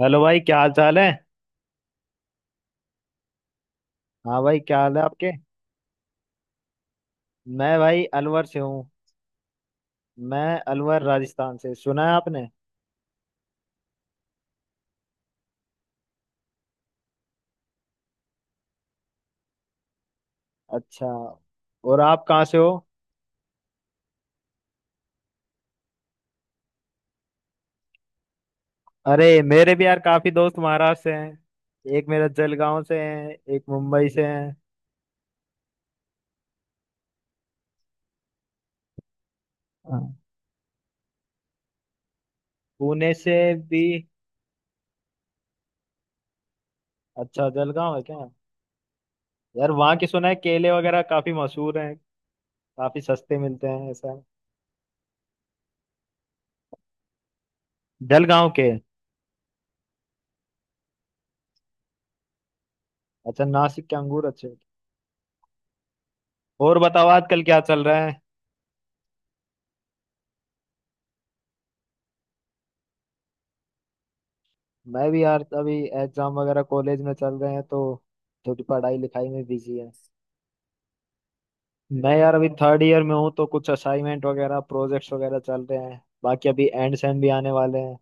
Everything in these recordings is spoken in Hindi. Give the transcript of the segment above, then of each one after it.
हेलो भाई, क्या हाल चाल है। हाँ भाई, क्या हाल है आपके। मैं भाई अलवर से हूँ। मैं अलवर राजस्थान से, सुना है आपने। अच्छा। और आप कहाँ से हो। अरे मेरे भी यार काफी दोस्त महाराष्ट्र से हैं, एक मेरा जलगांव से है, एक मुंबई से है। हाँ। पुणे से भी। अच्छा, जलगांव है क्या। यार वहाँ की सुना है केले वगैरह काफी मशहूर हैं, काफी सस्ते मिलते हैं, ऐसा है। जलगांव के। अच्छा, नासिक के अंगूर अच्छे होते हैं। और बताओ आजकल क्या चल रहा है। मैं भी यार अभी एग्जाम वगैरह कॉलेज में चल रहे हैं तो थोड़ी पढ़ाई लिखाई में बिजी है। मैं यार अभी थर्ड ईयर में हूँ तो कुछ असाइनमेंट वगैरह प्रोजेक्ट्स वगैरह चल रहे हैं, बाकी अभी एंड सेम भी आने वाले हैं।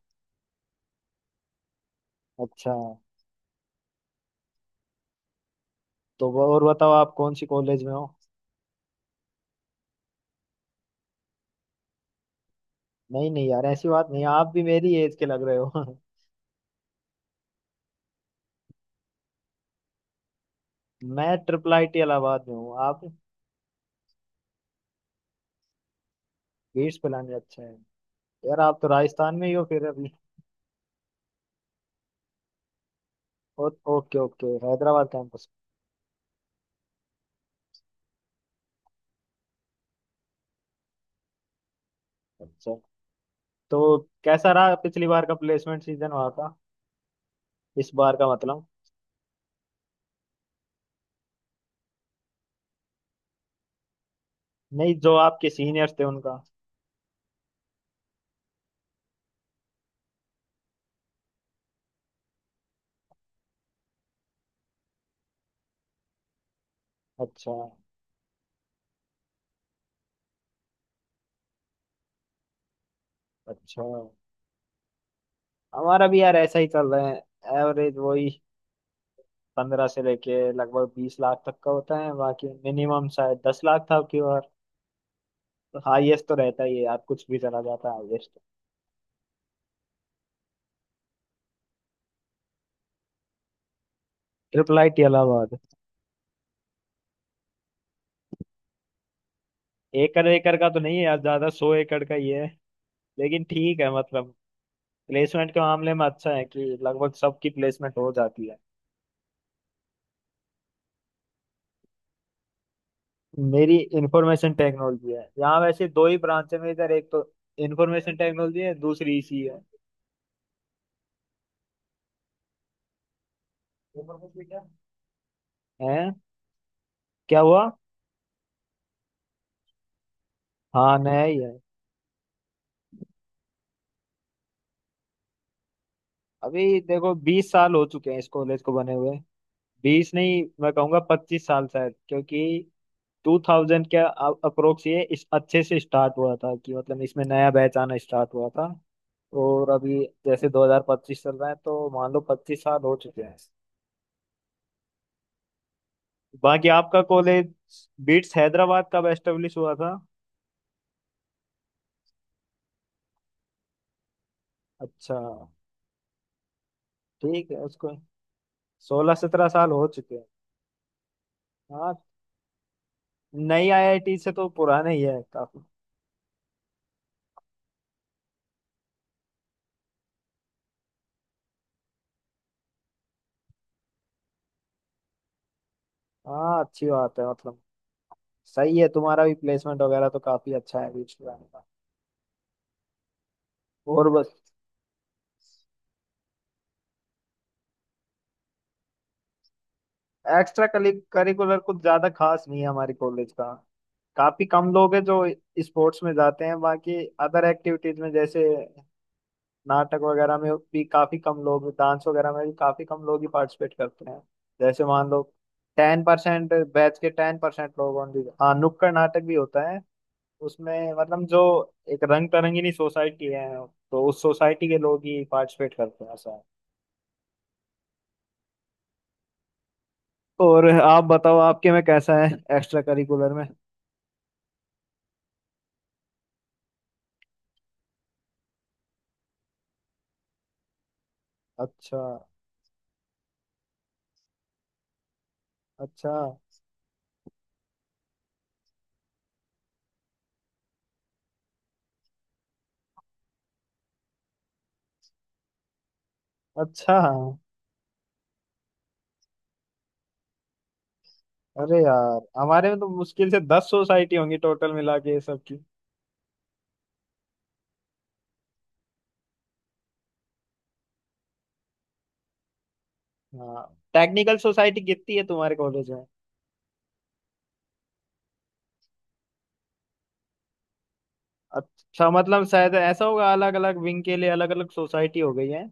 अच्छा। और बताओ आप कौन सी कॉलेज में हो। नहीं नहीं यार ऐसी बात नहीं, आप भी मेरी एज के लग रहे हो। मैं ट्रिपल आई टी इलाहाबाद में हूँ, आप। बीट्स पिलानी अच्छा है। यार आप तो राजस्थान में ही हो फिर अभी। ओ, ओके ओके हैदराबाद कैंपस। अच्छा। तो कैसा रहा पिछली बार का प्लेसमेंट सीजन वहाँ, इस बार का मतलब। नहीं, जो आपके सीनियर्स थे उनका। अच्छा अच्छा। हमारा भी यार ऐसा ही चल रहा है, एवरेज वही 15 से लेके लगभग 20 लाख तक का होता है, बाकी मिनिमम शायद 10 लाख था आपकी बार। तो हाईएस्ट तो रहता ही है यार, कुछ भी चला जाता है highest. Triple I T Allahabad. एकड़ एकड़ का तो नहीं है यार ज्यादा, 100 एकड़ का ही है। लेकिन ठीक है मतलब, प्लेसमेंट के मामले में अच्छा है कि लगभग सबकी प्लेसमेंट हो जाती है। मेरी इंफॉर्मेशन टेक्नोलॉजी है, यहाँ वैसे दो ही ब्रांच है मेरी, इधर एक तो इंफॉर्मेशन टेक्नोलॉजी है, दूसरी इसी है। है। क्या हुआ। हाँ नया ही है। अभी देखो 20 साल हो चुके हैं इस कॉलेज को बने हुए, बीस नहीं मैं कहूँगा 25 साल शायद, क्योंकि 2000 के अप्रोक्स ये इस अच्छे से स्टार्ट हुआ था कि मतलब इसमें नया बैच आना स्टार्ट हुआ था। और अभी जैसे 2025 चल रहा है तो मान लो 25 साल हो चुके हैं। बाकी आपका कॉलेज, बीट्स हैदराबाद कब एस्टेब्लिश हुआ था। अच्छा। ठीक है उसको 16-17 साल हो चुके हैं। हाँ। नई आईआईटी से तो पुराने ही है काफी। हाँ अच्छी बात है मतलब, सही है, तुम्हारा भी प्लेसमेंट वगैरह तो काफी अच्छा है बीट्स पुराने का। और बस। एक्स्ट्रा करिकुलर कुछ ज्यादा खास नहीं है हमारे कॉलेज का, काफी कम लोग हैं जो स्पोर्ट्स में जाते हैं, बाकी अदर एक्टिविटीज में जैसे नाटक वगैरह में भी काफी कम लोग, डांस वगैरह में भी काफी कम लोग ही पार्टिसिपेट करते हैं, जैसे मान लो 10% बैच के 10% लोग ओनली। हाँ नुक्कड़ नाटक भी होता है, उसमें मतलब जो एक रंग तरंगिणी सोसाइटी है तो उस सोसाइटी के लोग ही पार्टिसिपेट करते हैं, ऐसा है। और आप बताओ आपके में कैसा है एक्स्ट्रा करिकुलर में। अच्छा अच्छा अच्छा। अरे यार हमारे में तो मुश्किल से 10 सोसाइटी होंगी टोटल मिला के सबकी। हाँ। टेक्निकल सोसाइटी कितनी है तुम्हारे कॉलेज में। अच्छा मतलब शायद ऐसा होगा अलग अलग विंग के लिए अलग अलग सोसाइटी हो गई है।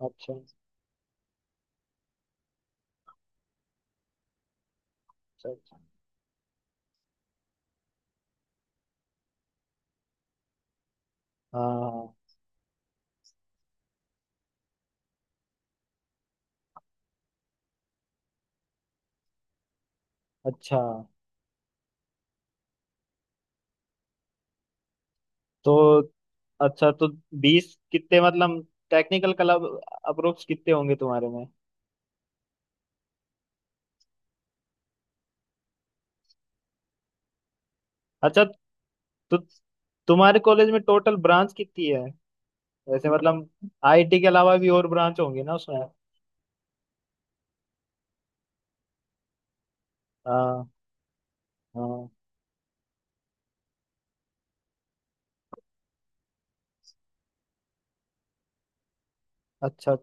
अच्छा अच्छा अच्छा। हाँ। अच्छा तो, अच्छा तो बीस कितने मतलब टेक्निकल क्लब अप्रोक्स कितने होंगे तुम्हारे में। अच्छा। तो तुम्हारे कॉलेज में टोटल ब्रांच कितनी है वैसे मतलब, आईटी के अलावा भी और ब्रांच होंगी ना उसमें। हाँ। हाँ। अच्छा अच्छा।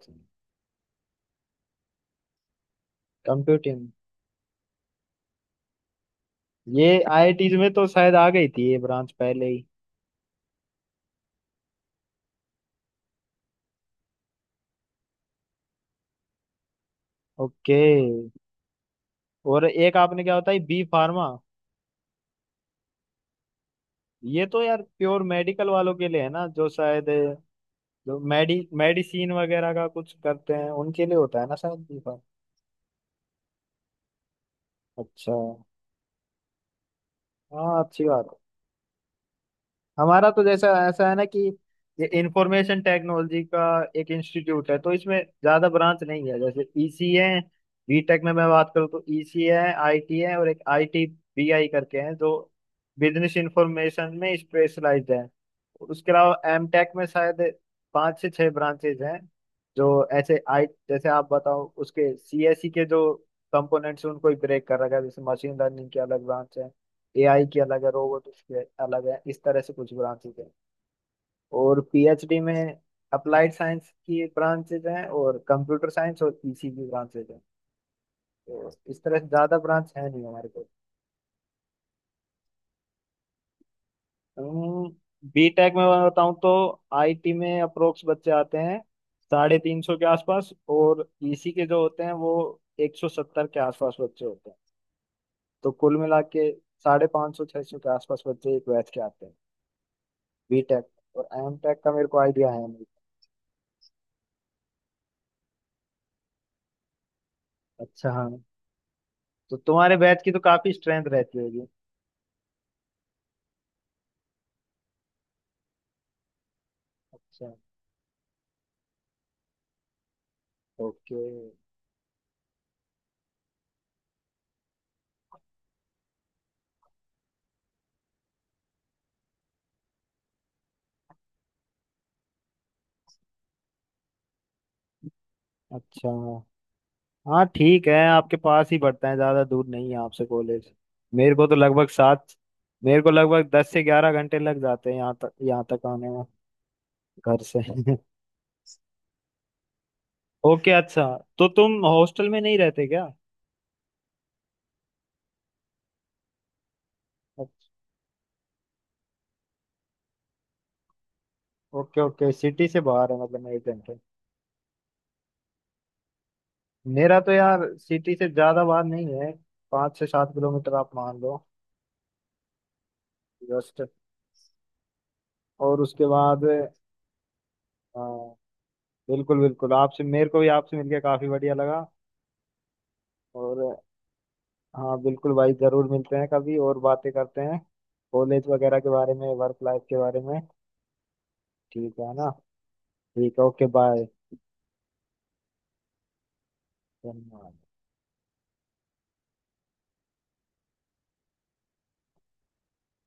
कंप्यूटिंग। ये आईआईटीज में तो शायद आ गई थी ये ब्रांच पहले ही। ओके। और एक आपने क्या बताई बी फार्मा। ये तो यार प्योर मेडिकल वालों के लिए है ना जो शायद, जो मेडिसिन वगैरह का कुछ करते हैं उनके लिए होता है ना शायद बी फार्मा। अच्छा। हाँ अच्छी बात। हमारा तो जैसा ऐसा है ना कि ये इंफॉर्मेशन टेक्नोलॉजी का एक इंस्टीट्यूट है, तो इसमें ज्यादा ब्रांच नहीं है, जैसे ईसी है, बीटेक में मैं बात करूँ तो ईसी है, आईटी है, और एक आईटी बीआई करके हैं जो बिजनेस इंफॉर्मेशन में स्पेशलाइज्ड है। उसके अलावा एमटेक में शायद पांच से छह ब्रांचेज हैं, जो ऐसे आई जैसे आप बताओ उसके सीएसई के जो कंपोनेंट्स हैं उनको ही ब्रेक कर रखा है, जैसे मशीन लर्निंग की अलग ब्रांच है, एआई की अलग है, रोबोटिक्स की अलग है, इस तरह से कुछ ब्रांचेज हैं। और पीएचडी में अप्लाइड साइंस की ब्रांचेज हैं और कंप्यूटर साइंस और पीसी की ब्रांचेज हैं, तो इस तरह से ज्यादा ब्रांच है नहीं हमारे को। बीटेक में मैं बताऊं तो आईटी में अप्रोक्स बच्चे आते हैं 350 के आसपास, और ईसी के जो होते हैं वो 170 के आसपास बच्चे होते हैं, तो कुल मिला के 550-600 के आसपास बच्चे एक बैच के आते हैं बीटेक, और एमटेक का मेरे को आइडिया है नहीं। अच्छा। हाँ। तो तुम्हारे बैच की तो काफी स्ट्रेंथ रहती होगी। अच्छा। ओके। अच्छा। हाँ ठीक है, आपके पास ही पड़ता है, ज्यादा दूर नहीं है आपसे कॉलेज। मेरे को तो लगभग सात, मेरे को लगभग 10 से 11 घंटे लग जाते हैं यहाँ तक, आने में घर से। ओके अच्छा। तो तुम हॉस्टल में नहीं रहते क्या। अच्छा, ओके ओके सिटी से बाहर है मतलब एक घंटे। मेरा तो यार सिटी से ज्यादा बाहर नहीं है, 5 से 7 किलोमीटर आप मान लो जस्ट। और उसके बाद बिल्कुल बिल्कुल, आपसे मेरे को भी आपसे मिलके काफी बढ़िया लगा। और हाँ बिल्कुल भाई जरूर मिलते हैं, कभी और बातें करते हैं कॉलेज वगैरह के बारे में, वर्क लाइफ के बारे में। ठीक है ना। ठीक है ओके बाय। धन्यवाद।